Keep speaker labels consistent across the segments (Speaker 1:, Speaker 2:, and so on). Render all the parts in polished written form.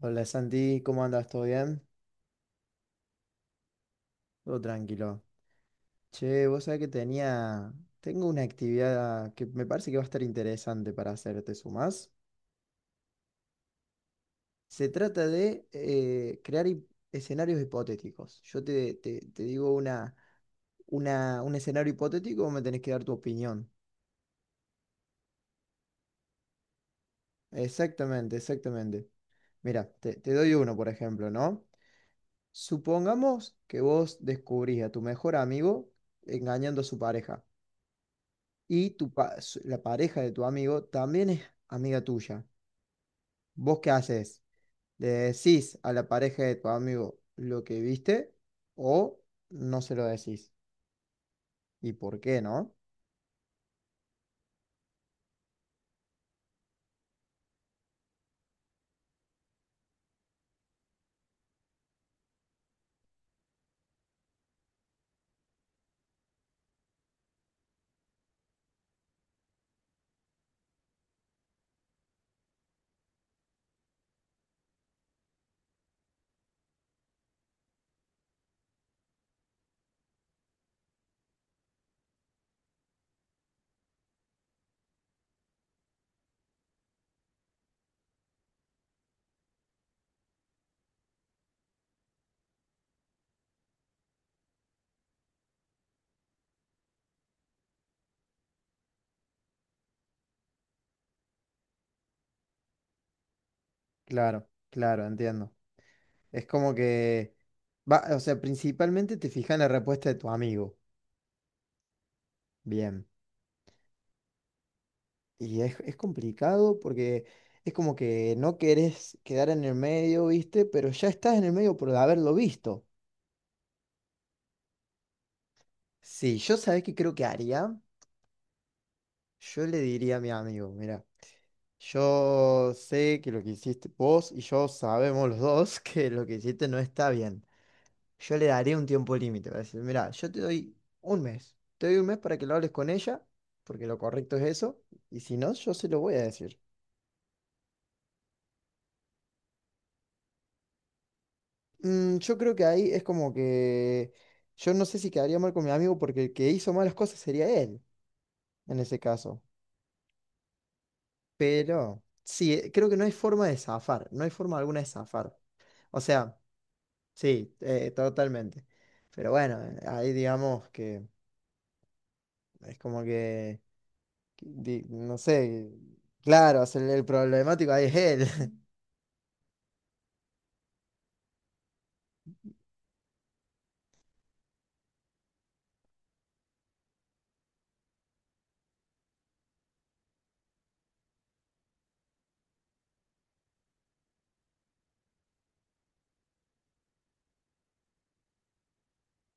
Speaker 1: Hola Santi, ¿cómo andas? ¿Todo bien? Todo tranquilo. Che, vos sabés que tenía. Tengo una actividad que me parece que va a estar interesante para hacer, ¿te sumás? Se trata de crear escenarios hipotéticos. Yo te digo una, un escenario hipotético, vos me tenés que dar tu opinión. Exactamente, exactamente. Mira, te doy uno, por ejemplo, ¿no? Supongamos que vos descubrís a tu mejor amigo engañando a su pareja. Y la pareja de tu amigo también es amiga tuya. ¿Vos qué haces? ¿Le decís a la pareja de tu amigo lo que viste o no se lo decís? ¿Y por qué no? Claro, claro, entiendo. Es como que va, o sea, principalmente te fijas en la respuesta de tu amigo. Bien. Y es complicado porque es como que no querés quedar en el medio, ¿viste? Pero ya estás en el medio por haberlo visto. Sí, yo sabés que creo que haría. Yo le diría a mi amigo, mira, yo sé que lo que hiciste vos y yo sabemos los dos que lo que hiciste no está bien. Yo le daría un tiempo límite para decir, mira, yo te doy 1 mes, te doy un mes para que lo hables con ella, porque lo correcto es eso, y si no, yo se lo voy a decir. Mm, yo creo que ahí es como que yo no sé si quedaría mal con mi amigo porque el que hizo malas cosas sería él, en ese caso. Pero sí, creo que no hay forma de zafar, no hay forma alguna de zafar. O sea... Sí, totalmente. Pero bueno, ahí digamos que es como que no sé, claro, o sea, el problemático ahí es él.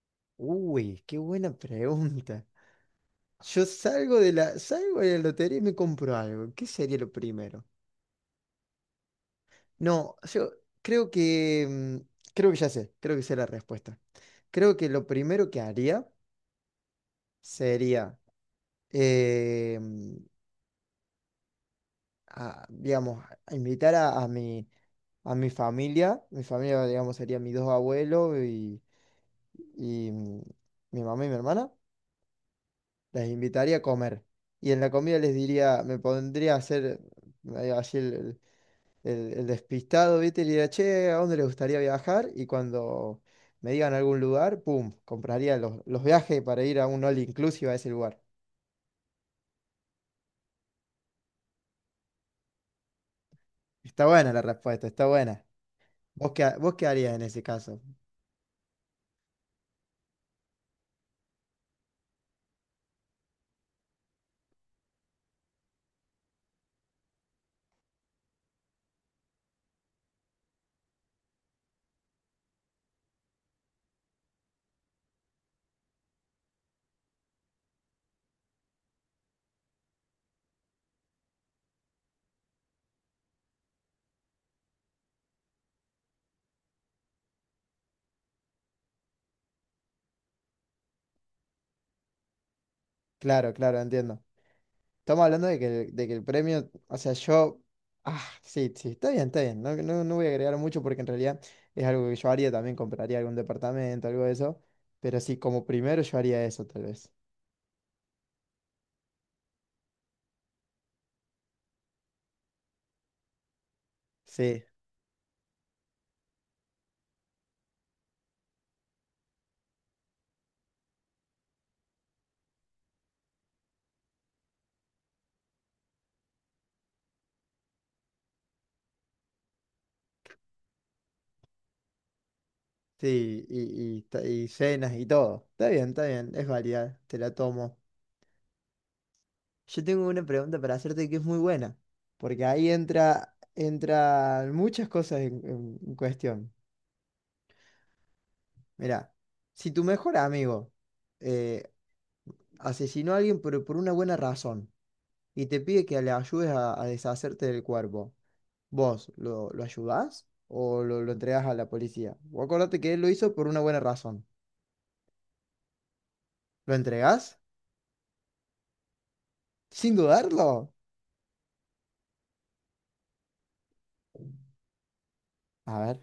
Speaker 1: Uy, qué buena pregunta. Yo salgo de salgo de la lotería y me compro algo. ¿Qué sería lo primero? No, yo creo que, creo que ya sé, creo que sé la respuesta. Creo que lo primero que haría sería, eh, mm, digamos, a invitar a mi familia. Mi familia, digamos, serían mis dos abuelos y mi mamá y mi hermana. Les invitaría a comer. Y en la comida les diría, me pondría a hacer así el despistado, ¿viste? Y le diría, che, ¿a dónde les gustaría viajar? Y cuando me digan algún lugar, pum, compraría los viajes para ir a un all inclusive a ese lugar. Está buena la respuesta, está buena. ¿Vos vos qué harías en ese caso? Claro, claro, entiendo. Estamos hablando de que, de que el premio, o sea, yo, ah, sí, sí, está bien, no voy a agregar mucho porque en realidad es algo que yo haría, también compraría algún departamento, algo de eso, pero sí, como primero yo haría eso tal vez. Sí, sí, y cenas y todo. Está bien, es válida, te la tomo. Yo tengo una pregunta para hacerte que es muy buena, porque ahí entra, entran muchas cosas en cuestión. Mira, si tu mejor amigo... eh, asesinó a alguien pero por una buena razón y te pide que le ayudes a deshacerte del cuerpo. ¿Vos lo ayudás o lo entregás a la policía? Vos acordate que él lo hizo por una buena razón. ¿Lo entregás? Sin dudarlo. A ver.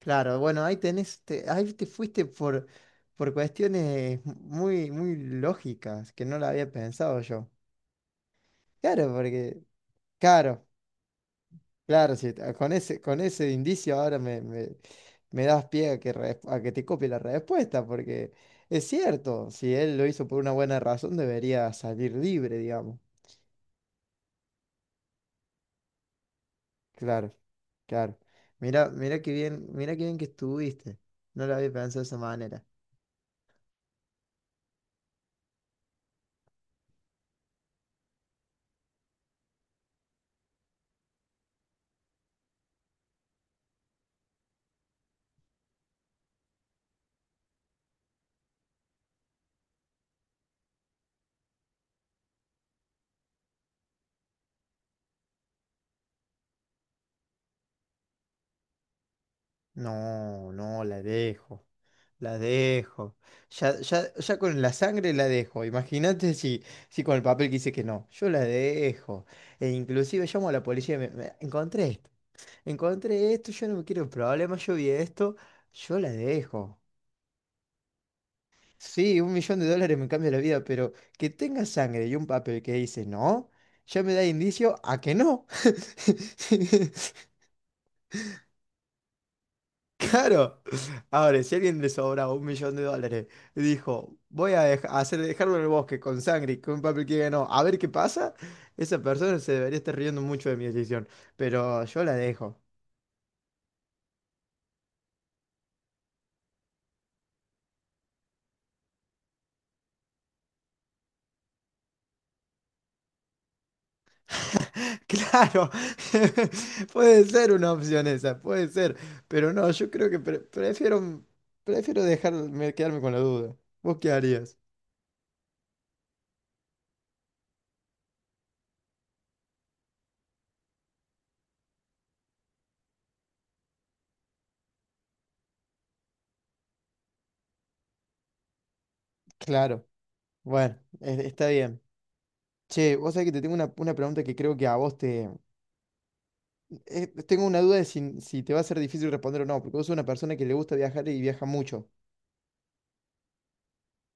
Speaker 1: Claro, bueno, ahí tenés, te, ahí te fuiste por cuestiones muy, muy lógicas que no la había pensado yo. Claro, porque, claro, claro, sí, ta- con ese indicio ahora me das pie a que, re- a que te copie la respuesta, porque es cierto, si él lo hizo por una buena razón, debería salir libre, digamos. Claro, claro. Mira, mira qué bien que estuviste. No lo había pensado de esa manera. No, no, la dejo. La dejo. Ya, ya, ya con la sangre la dejo. Imagínate si, si con el papel que dice que no. Yo la dejo. E inclusive llamo a la policía y me encontré esto. Encontré esto, yo no me quiero problemas, yo vi esto, yo la dejo. Sí, $1.000.000 me cambia la vida, pero que tenga sangre y un papel que dice no, ya me da indicio a que no. Claro. Ahora, si a alguien le sobra $1.000.000, dijo, voy a dej- a hacer dejarlo en el bosque con sangre y con un papel que diga no, a ver qué pasa, esa persona se debería estar riendo mucho de mi decisión, pero yo la dejo. Claro, puede ser una opción esa, puede ser, pero no, yo creo que prefiero, prefiero dejarme quedarme con la duda. ¿Vos qué harías? Claro, bueno, está bien. Che, vos sabés que te tengo una pregunta que creo que a vos te... tengo una duda de si, si te va a ser difícil responder o no, porque vos sos una persona que le gusta viajar y viaja mucho.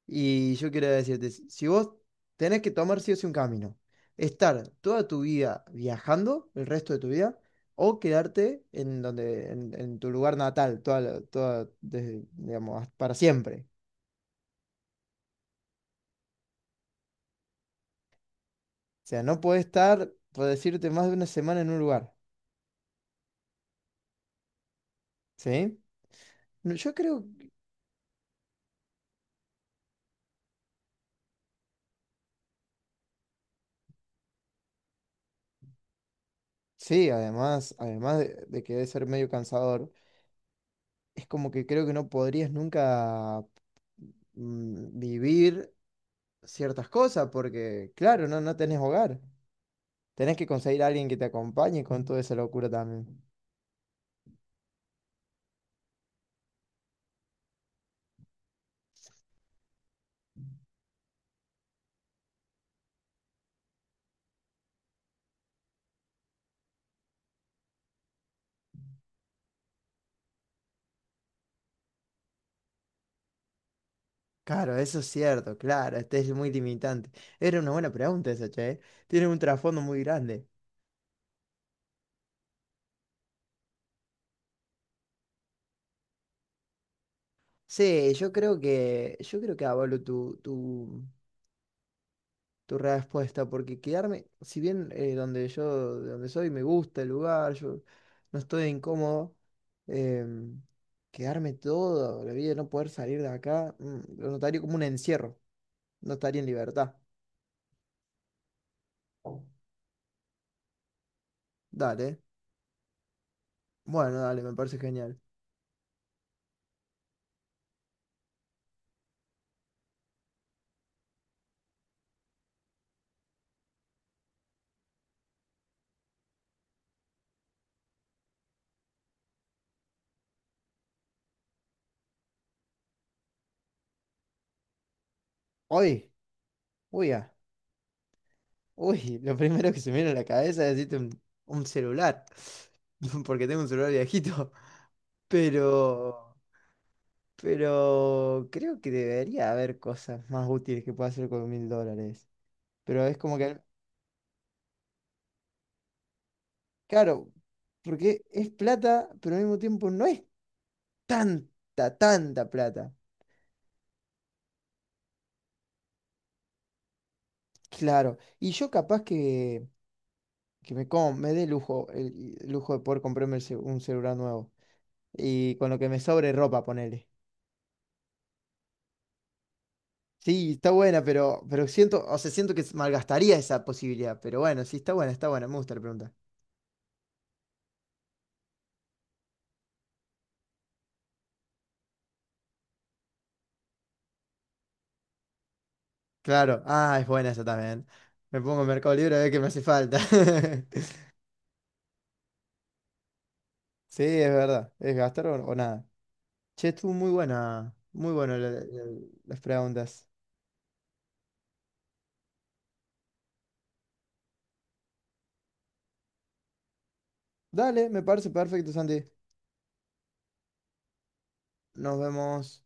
Speaker 1: Y yo quiero decirte, si si vos tenés que tomar sí o sí un camino, estar toda tu vida viajando, el resto de tu vida, o quedarte en donde, en tu lugar natal, toda, toda, desde, digamos, hasta- para siempre. O sea, no podés estar, por decirte, más de una semana en un lugar, ¿sí? No, yo creo, sí, además, además de que debe ser medio cansador, es como que creo que no podrías nunca vivir ciertas cosas, porque claro, no, no tenés hogar. Tenés que conseguir a alguien que te acompañe con toda esa locura también. Claro, eso es cierto, claro, este es muy limitante. Era una buena pregunta esa, che. ¿Eh? Tiene un trasfondo muy grande. Sí, yo creo que avalo tu respuesta, porque quedarme, si bien donde yo, de donde soy, me gusta el lugar, yo no estoy incómodo, em, quedarme toda la vida, no poder salir de acá, lo notaría como un encierro. No estaría en libertad. Dale. Bueno, dale, me parece genial. Hoy, uy, ah, lo primero que se me viene a la cabeza es decirte un celular. Porque tengo un celular viejito. Pero, pero creo que debería haber cosas más útiles que pueda hacer con $1.000. Pero es como que, claro, porque es plata, pero al mismo tiempo no es tanta, tanta plata. Claro. Y yo capaz que. Que me, me dé lujo, el lujo de poder comprarme el un celular nuevo. Y con lo que me sobre ropa, ponele. Sí, está buena, pero siento, o sea, siento que malgastaría esa posibilidad. Pero bueno, sí, está buena, me gusta la pregunta. Claro, ah, es buena esa también. Me pongo en Mercado Libre a ver qué me hace falta. Sí, es verdad, es gastar o nada. Che, estuvo muy buena las preguntas. Dale, me parece perfecto, Santi. Nos vemos.